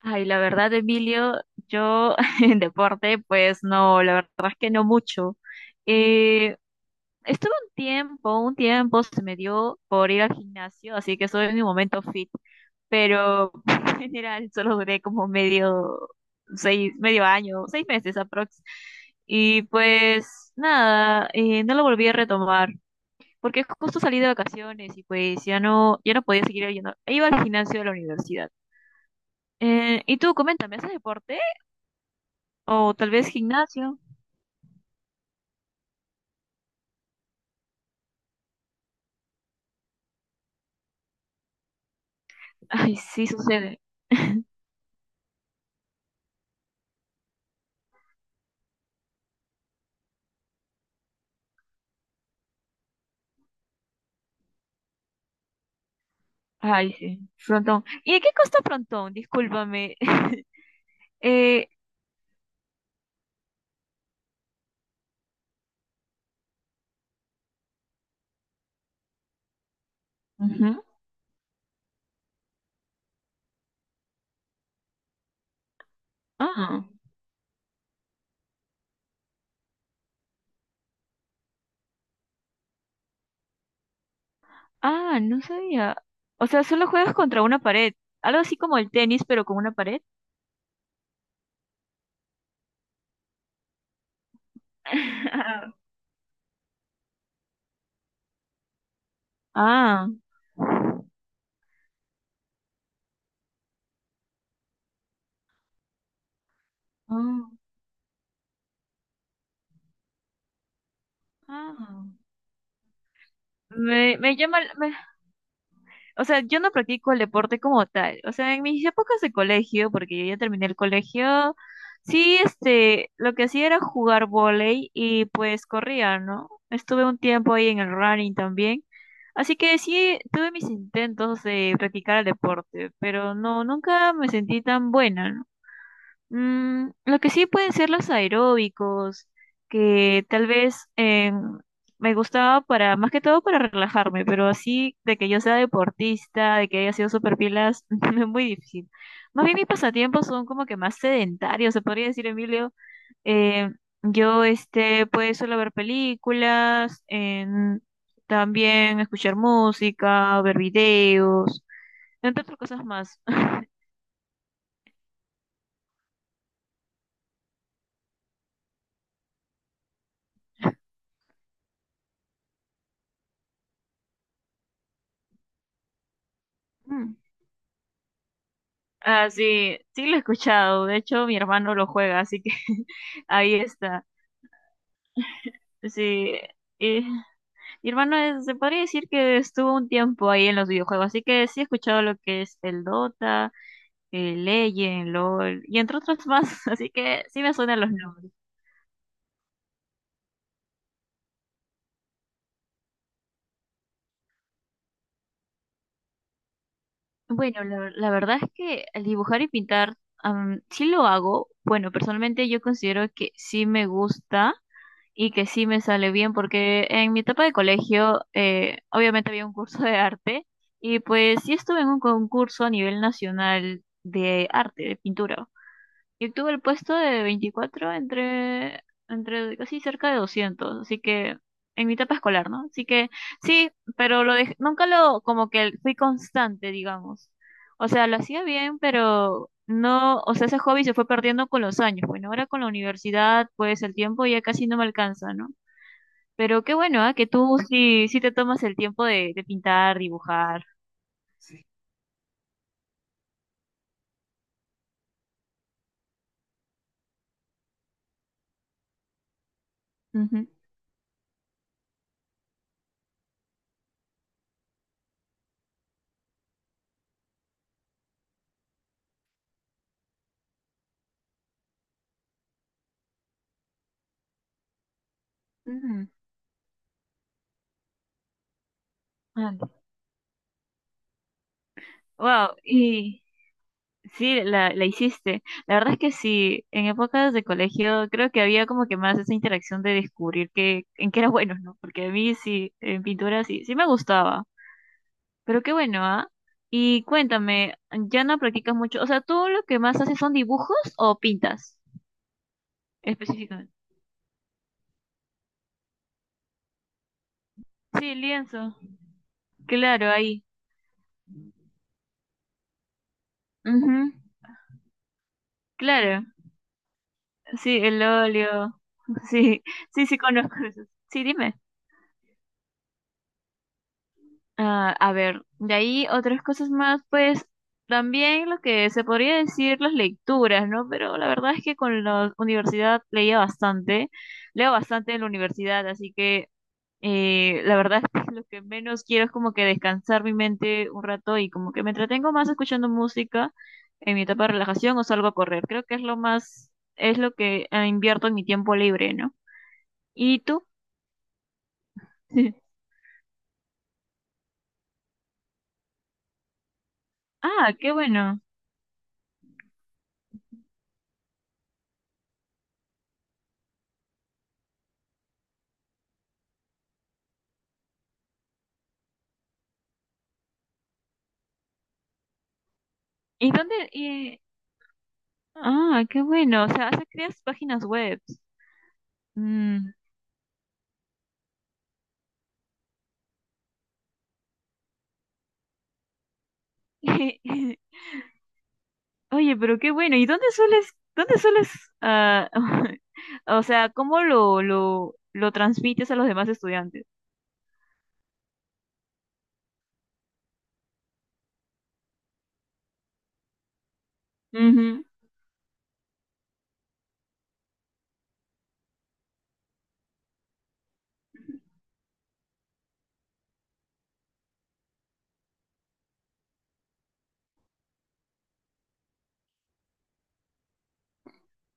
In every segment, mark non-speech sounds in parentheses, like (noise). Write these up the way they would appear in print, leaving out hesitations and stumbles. Ay, la verdad, Emilio, yo (laughs) en deporte, pues no, la verdad es que no mucho. Eh, estuve un tiempo se me dio por ir al gimnasio, así que estoy en mi momento fit, pero (laughs) en general solo duré como medio, seis, medio año, seis meses aprox. Y pues nada, no lo volví a retomar, porque justo salí de vacaciones y pues ya no, ya no podía seguir yendo. E iba al gimnasio de la universidad. Y tú, coméntame, ¿haces deporte? O tal vez gimnasio. (laughs) Ay, sí, sucede. (laughs) Ay, sí. Frontón. ¿Y de qué costa frontón? Discúlpame. (laughs) Eh, ujú. Ah, ah, no sabía. O sea, solo juegas contra una pared. Algo así como el tenis, pero con una pared. (laughs) Ah, ah, ah. Me llama, me, o sea, yo no practico el deporte como tal. O sea, en mis épocas de colegio, porque yo ya terminé el colegio, sí, este, lo que hacía era jugar vóley y pues corría, ¿no? Estuve un tiempo ahí en el running también. Así que sí, tuve mis intentos de practicar el deporte, pero no, nunca me sentí tan buena, ¿no? Mm, lo que sí pueden ser los aeróbicos, que tal vez me gustaba para, más que todo para relajarme, pero así de que yo sea deportista, de que haya sido super pilas, (laughs) es muy difícil. Más bien mis pasatiempos son como que más sedentarios, se podría decir, Emilio. Eh, yo este, pues suelo ver películas, también escuchar música, ver videos, entre otras cosas más. (clears throat) (laughs) Ah, sí, sí lo he escuchado. De hecho, mi hermano lo juega, así que (laughs) ahí está. Sí. eh, mi hermano se podría decir que estuvo un tiempo ahí en los videojuegos, así que sí he escuchado lo que es el Dota, el Legend, LOL, y entre otros más, (laughs) así que sí me suenan los nombres. Bueno, la verdad es que al dibujar y pintar, sí lo hago. Bueno, personalmente yo considero que sí me gusta. Y que sí me sale bien porque en mi etapa de colegio obviamente había un curso de arte y pues sí estuve en un concurso a nivel nacional de arte, de pintura. Y obtuve el puesto de 24 entre, entre casi cerca de 200, así que en mi etapa escolar, ¿no? Así que sí, pero nunca lo, como que fui constante, digamos. O sea, lo hacía bien, pero no, o sea, ese hobby se fue perdiendo con los años. Bueno, ahora con la universidad, pues el tiempo ya casi no me alcanza, ¿no? Pero qué bueno, ¿ah? Que tú sí, sí te tomas el tiempo de pintar, dibujar. Ujú. Ujú. Wow, y sí, la hiciste. La verdad es que sí, en épocas de colegio creo que había como que más esa interacción de descubrir que, en qué era bueno, ¿no? Porque a mí sí, en pintura sí, sí me gustaba. Pero qué bueno, ¿ah? Y cuéntame, ¿ya no practicas mucho? O sea, ¿tú lo que más haces son dibujos o pintas específicamente? Sí, lienzo. Claro, ahí. Ujú, claro. Sí, el óleo. Sí, sí, sí conozco eso. Sí, dime. Ah, a ver, de ahí otras cosas más, pues también lo que se podría decir las lecturas, ¿no? Pero la verdad es que con la universidad leía bastante, leo bastante en la universidad, así que la verdad es que lo que menos quiero es como que descansar mi mente un rato y como que me entretengo más escuchando música en mi etapa de relajación o salgo a correr. Creo que es lo más, es lo que invierto en mi tiempo libre, ¿no? ¿Y tú? (laughs) Ah, qué bueno. ¿Y dónde? Ah, qué bueno. O sea, creas páginas web. Mm. (laughs) Oye, pero qué bueno. ¿Y dónde sueles, ah, (laughs) o sea, cómo lo transmites a los demás estudiantes? Ujú.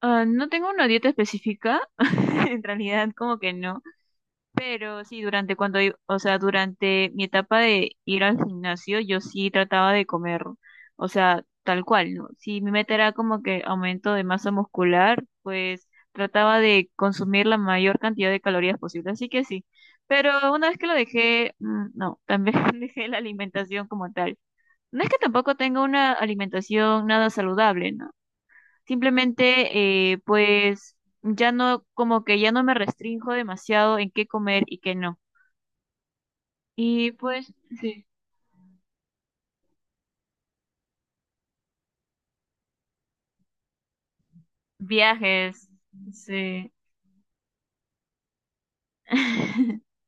Ah, no tengo una dieta específica, (laughs) en realidad como que no. Pero sí, durante o sea, durante mi etapa de ir al gimnasio, yo sí trataba de comer, o sea, tal cual, ¿no? Si mi meta era como que aumento de masa muscular, pues trataba de consumir la mayor cantidad de calorías posible, así que sí. Pero una vez que lo dejé, no, también (laughs) dejé la alimentación como tal. No es que tampoco tenga una alimentación nada saludable, ¿no? Simplemente, pues, ya no, como que ya no me restrinjo demasiado en qué comer y qué no. Y pues, sí, viajes, sí. (laughs)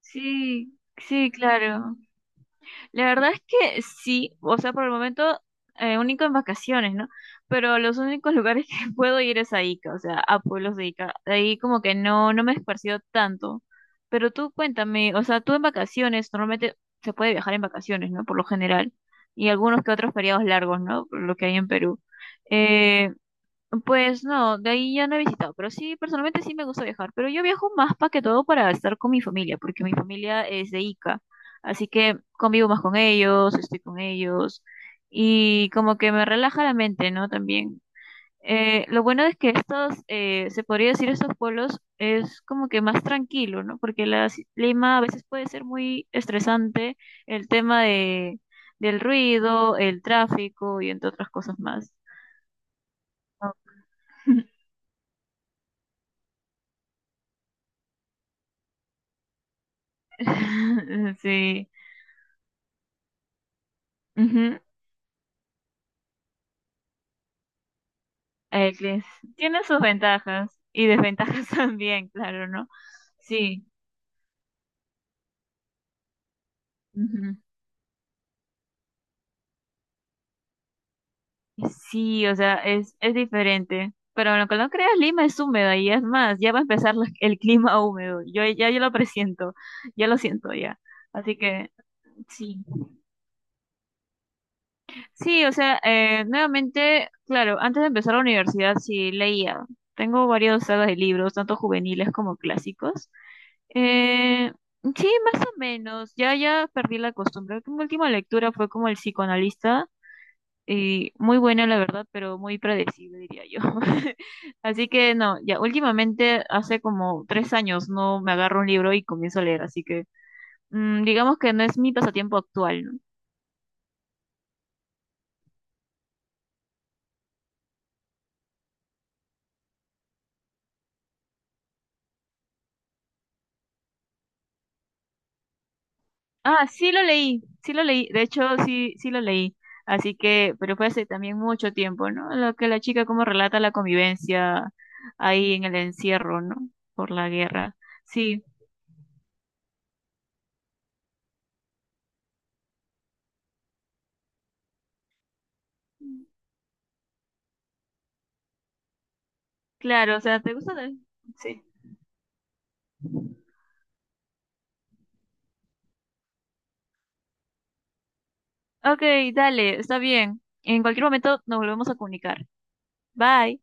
Sí, sí, claro. La verdad es que sí, o sea, por el momento único en vacaciones, ¿no? Pero los únicos lugares (laughs) que puedo ir es a Ica, o sea, a pueblos de Ica. De ahí como que no, no me he esparcido tanto. Pero tú cuéntame, o sea, tú en vacaciones, normalmente se puede viajar en vacaciones, ¿no? Por lo general. Y algunos que otros feriados largos, ¿no? Por lo que hay en Perú. Eh, Pues no, de ahí ya no he visitado, pero sí, personalmente sí me gusta viajar, pero yo viajo más para que todo para estar con mi familia, porque mi familia es de Ica, así que convivo más con ellos, estoy con ellos y como que me relaja la mente, ¿no? También. Lo bueno es que estos, se podría decir, estos pueblos es como que más tranquilo, ¿no? Porque la Lima a veces puede ser muy estresante el tema de, del ruido, el tráfico y entre otras cosas más. Ah. (laughs) (laughs) Sí. Ujú. Eh, que es- tiene sus ventajas y desventajas (laughs) también, claro, ¿no? Sí. Ujú. Sí, o sea, es diferente. Pero lo que no creas, Lima es húmedo y es más, ya va a empezar el clima húmedo. Yo lo presiento, ya lo siento ya. Así que sí. Sí, o sea, nuevamente, claro, antes de empezar la universidad sí leía. Tengo varios sagas de libros, tanto juveniles como clásicos. Eh, sí, más o menos. Ya, ya perdí la costumbre. Mi última lectura fue como el psicoanalista y muy buena, la verdad, pero muy predecible, diría yo. (laughs) Así que no, ya últimamente hace como 3 años no me agarro un libro y comienzo a leer, así que digamos que no es mi pasatiempo actual, ¿no? Ah, sí lo leí, de hecho sí, sí lo leí, así que, pero fue hace también mucho tiempo, ¿no? Lo que la chica como relata la convivencia ahí en el encierro, ¿no? Por la guerra. Sí, claro, o sea, ¿te gusta? Sí. Ok, dale, está bien. En cualquier momento nos volvemos a comunicar. Bye.